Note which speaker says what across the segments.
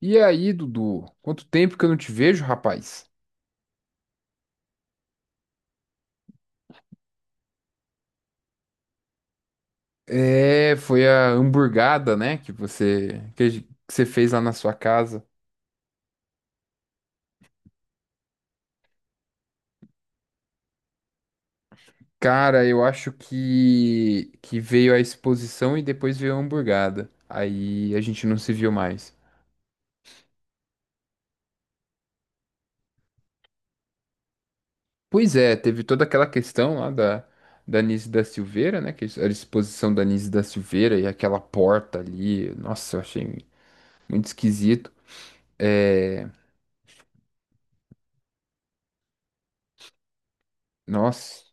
Speaker 1: E aí, Dudu? Quanto tempo que eu não te vejo, rapaz? É, foi a hamburgada, né, que você que, a gen- que você fez lá na sua casa. Cara, eu acho que veio a exposição e depois veio a hamburgada. Aí a gente não se viu mais. Pois é, teve toda aquela questão lá da Nise da Silveira, né, que era a exposição da Nise da Silveira e aquela porta ali. Nossa, eu achei muito esquisito. É, nossa,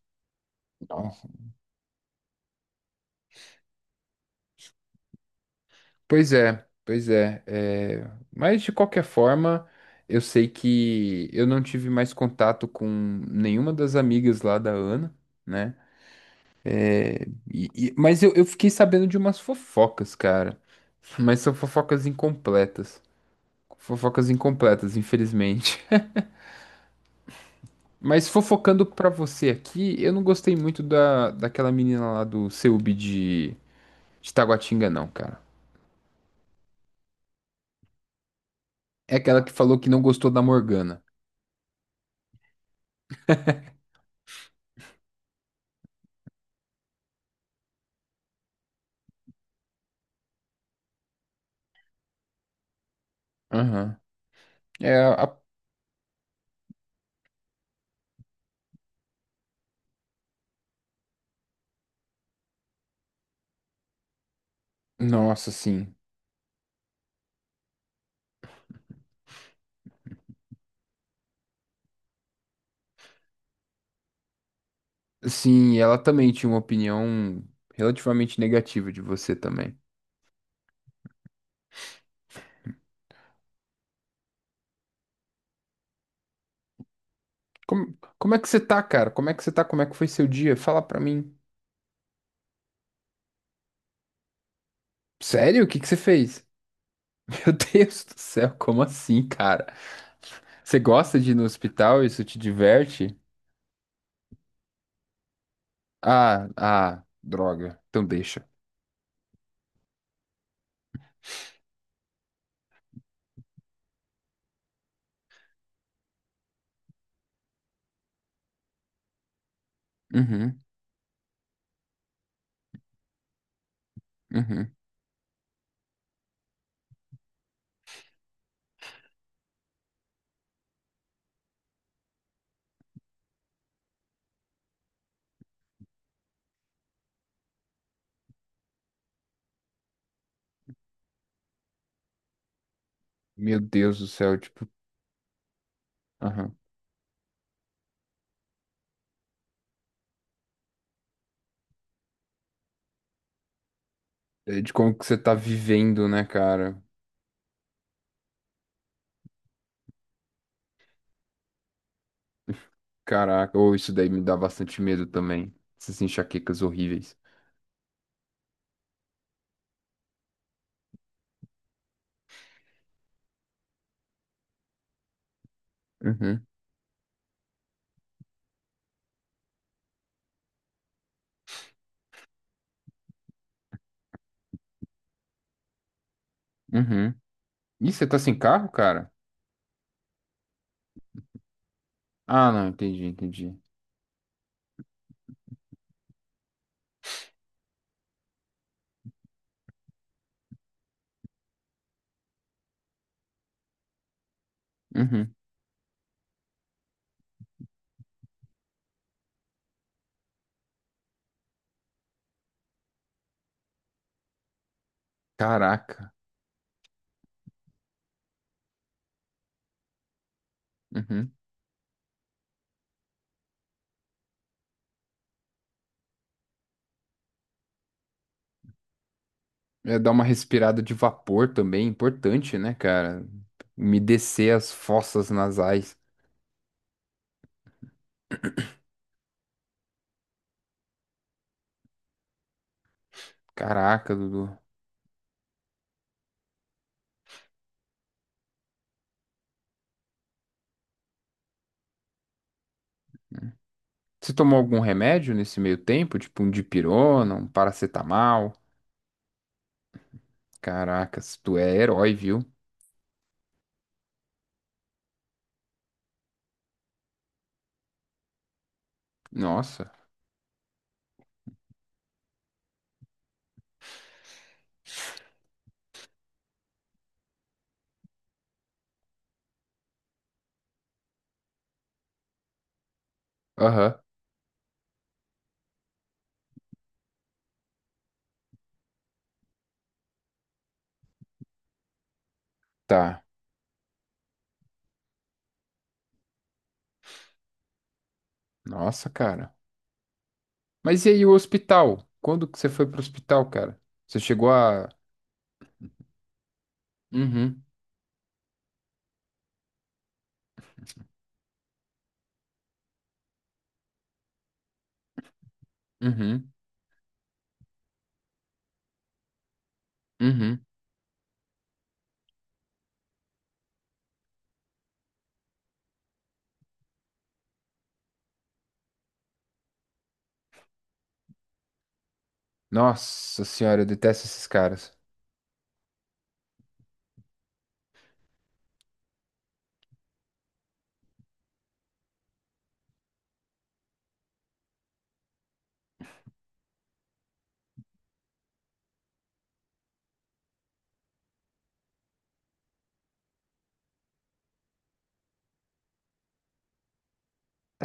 Speaker 1: nossa. Pois é, é, mas de qualquer forma, eu sei que eu não tive mais contato com nenhuma das amigas lá da Ana, né? Mas eu fiquei sabendo de umas fofocas, cara. Mas são fofocas incompletas. Fofocas incompletas, infelizmente. Mas fofocando pra você aqui, eu não gostei muito daquela menina lá do CEUB de Taguatinga, não, cara. É aquela que falou que não gostou da Morgana. Aham. É a Nossa, sim. Sim, ela também tinha uma opinião relativamente negativa de você também. Como é que você tá, cara? Como é que você tá? Como é que foi seu dia? Fala pra mim. Sério? O que que você fez? Meu Deus do céu, como assim, cara? Você gosta de ir no hospital? Isso te diverte? Ah, ah, droga. Então deixa. Uhum, uhum. Meu Deus do céu, tipo, aham. É de como que você tá vivendo, né, cara? Caraca, ou isso daí me dá bastante medo também. Essas enxaquecas horríveis. Uhum, uhum. Ih, você tá sem carro, cara? Ah, não, entendi, entendi. Uhum. Caraca. Uhum. É dar uma respirada de vapor também, importante, né, cara? Umedecer as fossas nasais. Caraca, Dudu. Você tomou algum remédio nesse meio tempo? Tipo um dipirona, um paracetamol? Caracas, tu é herói, viu? Nossa. Aham, tá. Nossa, cara. Mas e aí o hospital? Quando que você foi pro hospital, cara? Você chegou a... Uhum. Uhum. Uhum. Nossa senhora, eu detesto esses caras.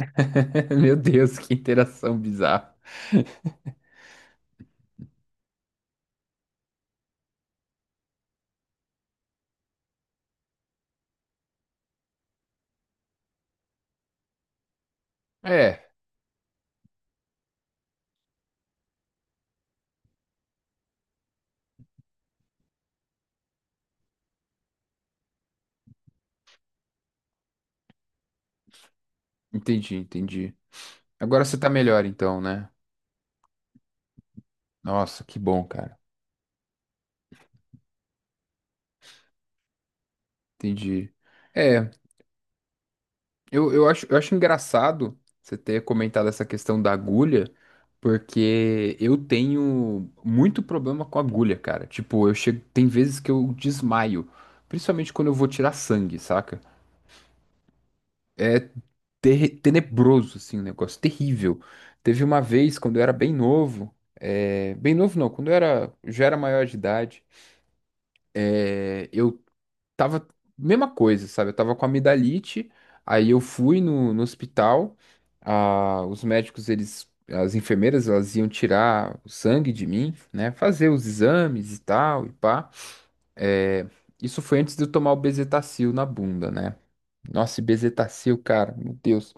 Speaker 1: Meu Deus, que interação bizarra. É, entendi, entendi. Agora você tá melhor então, né? Nossa, que bom, cara. Entendi. É, eu acho, eu acho engraçado você ter comentado essa questão da agulha, porque eu tenho muito problema com agulha, cara. Tipo, eu chego, tem vezes que eu desmaio, principalmente quando eu vou tirar sangue, saca? É tenebroso, assim, um negócio terrível. Teve uma vez, quando eu era bem novo, é, bem novo não, quando eu era, já era maior de idade, é, eu tava, mesma coisa, sabe? Eu tava com amidalite, aí eu fui no hospital, ah, os médicos, eles, as enfermeiras, elas iam tirar o sangue de mim, né? Fazer os exames e tal, e pá. É, isso foi antes de eu tomar o Bezetacil na bunda, né? Nossa, e Bezetacil, cara, meu Deus.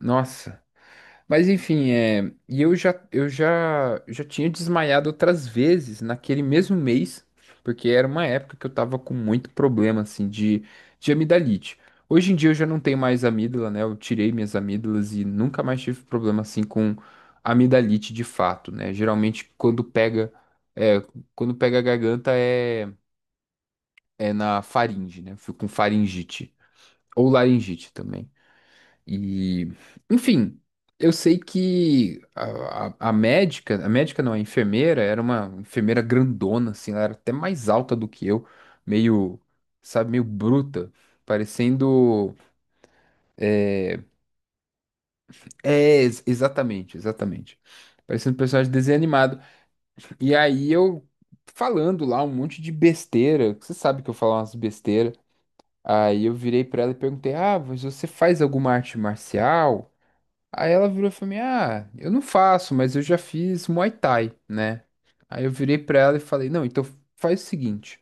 Speaker 1: Nossa, mas enfim, é, e eu já tinha desmaiado outras vezes naquele mesmo mês, porque era uma época que eu tava com muito problema, assim, de amidalite. Hoje em dia eu já não tenho mais amígdala, né? Eu tirei minhas amígdalas e nunca mais tive problema, assim, com amidalite de fato, né? Geralmente quando pega, é, quando pega a garganta é, é na faringe, né? Eu fico com faringite. Ou laringite também. E, enfim, eu sei que a médica, a médica não, a enfermeira, era uma enfermeira grandona, assim, ela era até mais alta do que eu, meio, sabe, meio bruta, parecendo. É, exatamente, exatamente. Parecendo um personagem de desenho animado. E aí eu falando lá um monte de besteira, que você sabe que eu falo umas besteiras. Aí eu virei pra ela e perguntei: ah, mas você faz alguma arte marcial? Aí ela virou e falou assim: ah, eu não faço, mas eu já fiz Muay Thai, né? Aí eu virei pra ela e falei: não, então faz o seguinte: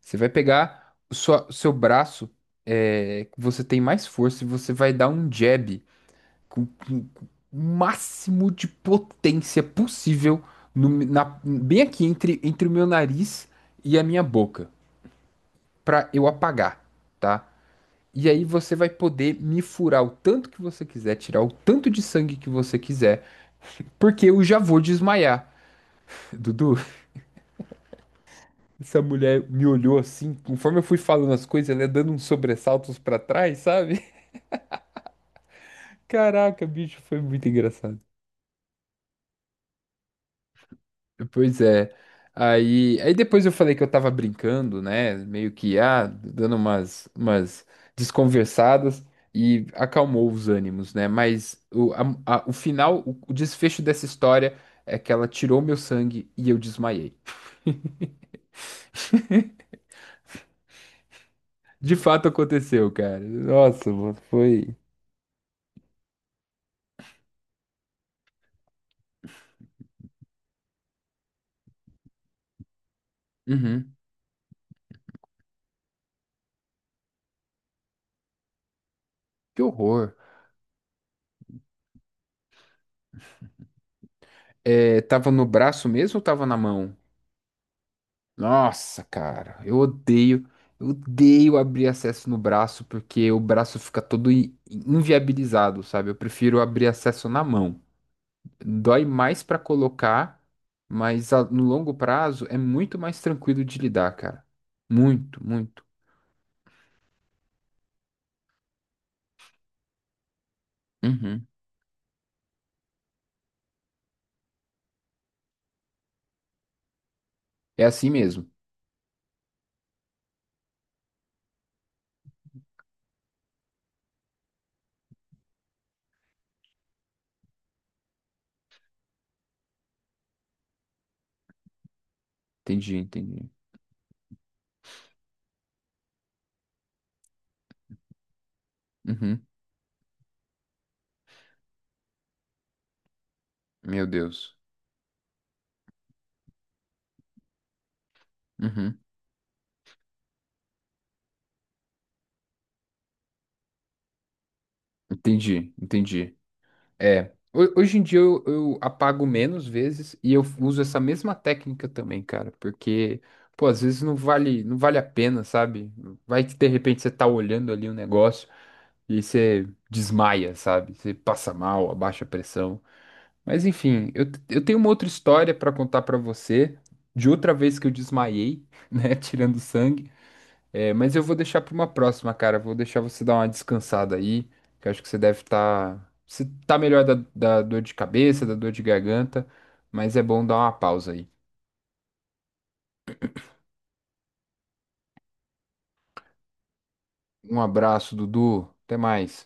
Speaker 1: você vai pegar o seu braço, é, que você tem mais força, e você vai dar um jab com o máximo de potência possível, bem aqui entre, entre o meu nariz e a minha boca, pra eu apagar, tá? E aí você vai poder me furar o tanto que você quiser, tirar o tanto de sangue que você quiser. Porque eu já vou desmaiar. Dudu, essa mulher me olhou assim, conforme eu fui falando as coisas, ela ia dando uns sobressaltos pra trás, sabe? Caraca, bicho, foi muito engraçado. Pois é. Aí depois eu falei que eu tava brincando, né? Meio que, ah, dando umas desconversadas e acalmou os ânimos, né? Mas o final, o desfecho dessa história é que ela tirou meu sangue e eu desmaiei. De fato aconteceu, cara. Nossa, mano, foi. Uhum. Que horror. É, tava no braço mesmo ou tava na mão? Nossa, cara, eu odeio abrir acesso no braço porque o braço fica todo inviabilizado, sabe? Eu prefiro abrir acesso na mão. Dói mais pra colocar, mas no longo prazo é muito mais tranquilo de lidar, cara. Muito, muito. Uhum. É assim mesmo. Entendi, entendi. Uhum. Meu Deus. Uhum. Entendi, entendi. É. Hoje em dia eu apago menos vezes e eu uso essa mesma técnica também, cara, porque, pô, às vezes não vale, não vale a pena, sabe? Vai que de repente você tá olhando ali um negócio e você desmaia, sabe? Você passa mal, abaixa a pressão. Mas enfim, eu tenho uma outra história pra contar pra você de outra vez que eu desmaiei, né, tirando sangue. É, mas eu vou deixar para uma próxima, cara. Vou deixar você dar uma descansada aí, que eu acho que você deve estar. Você tá melhor da, da dor de cabeça, da dor de garganta, mas é bom dar uma pausa aí. Um abraço, Dudu. Até mais.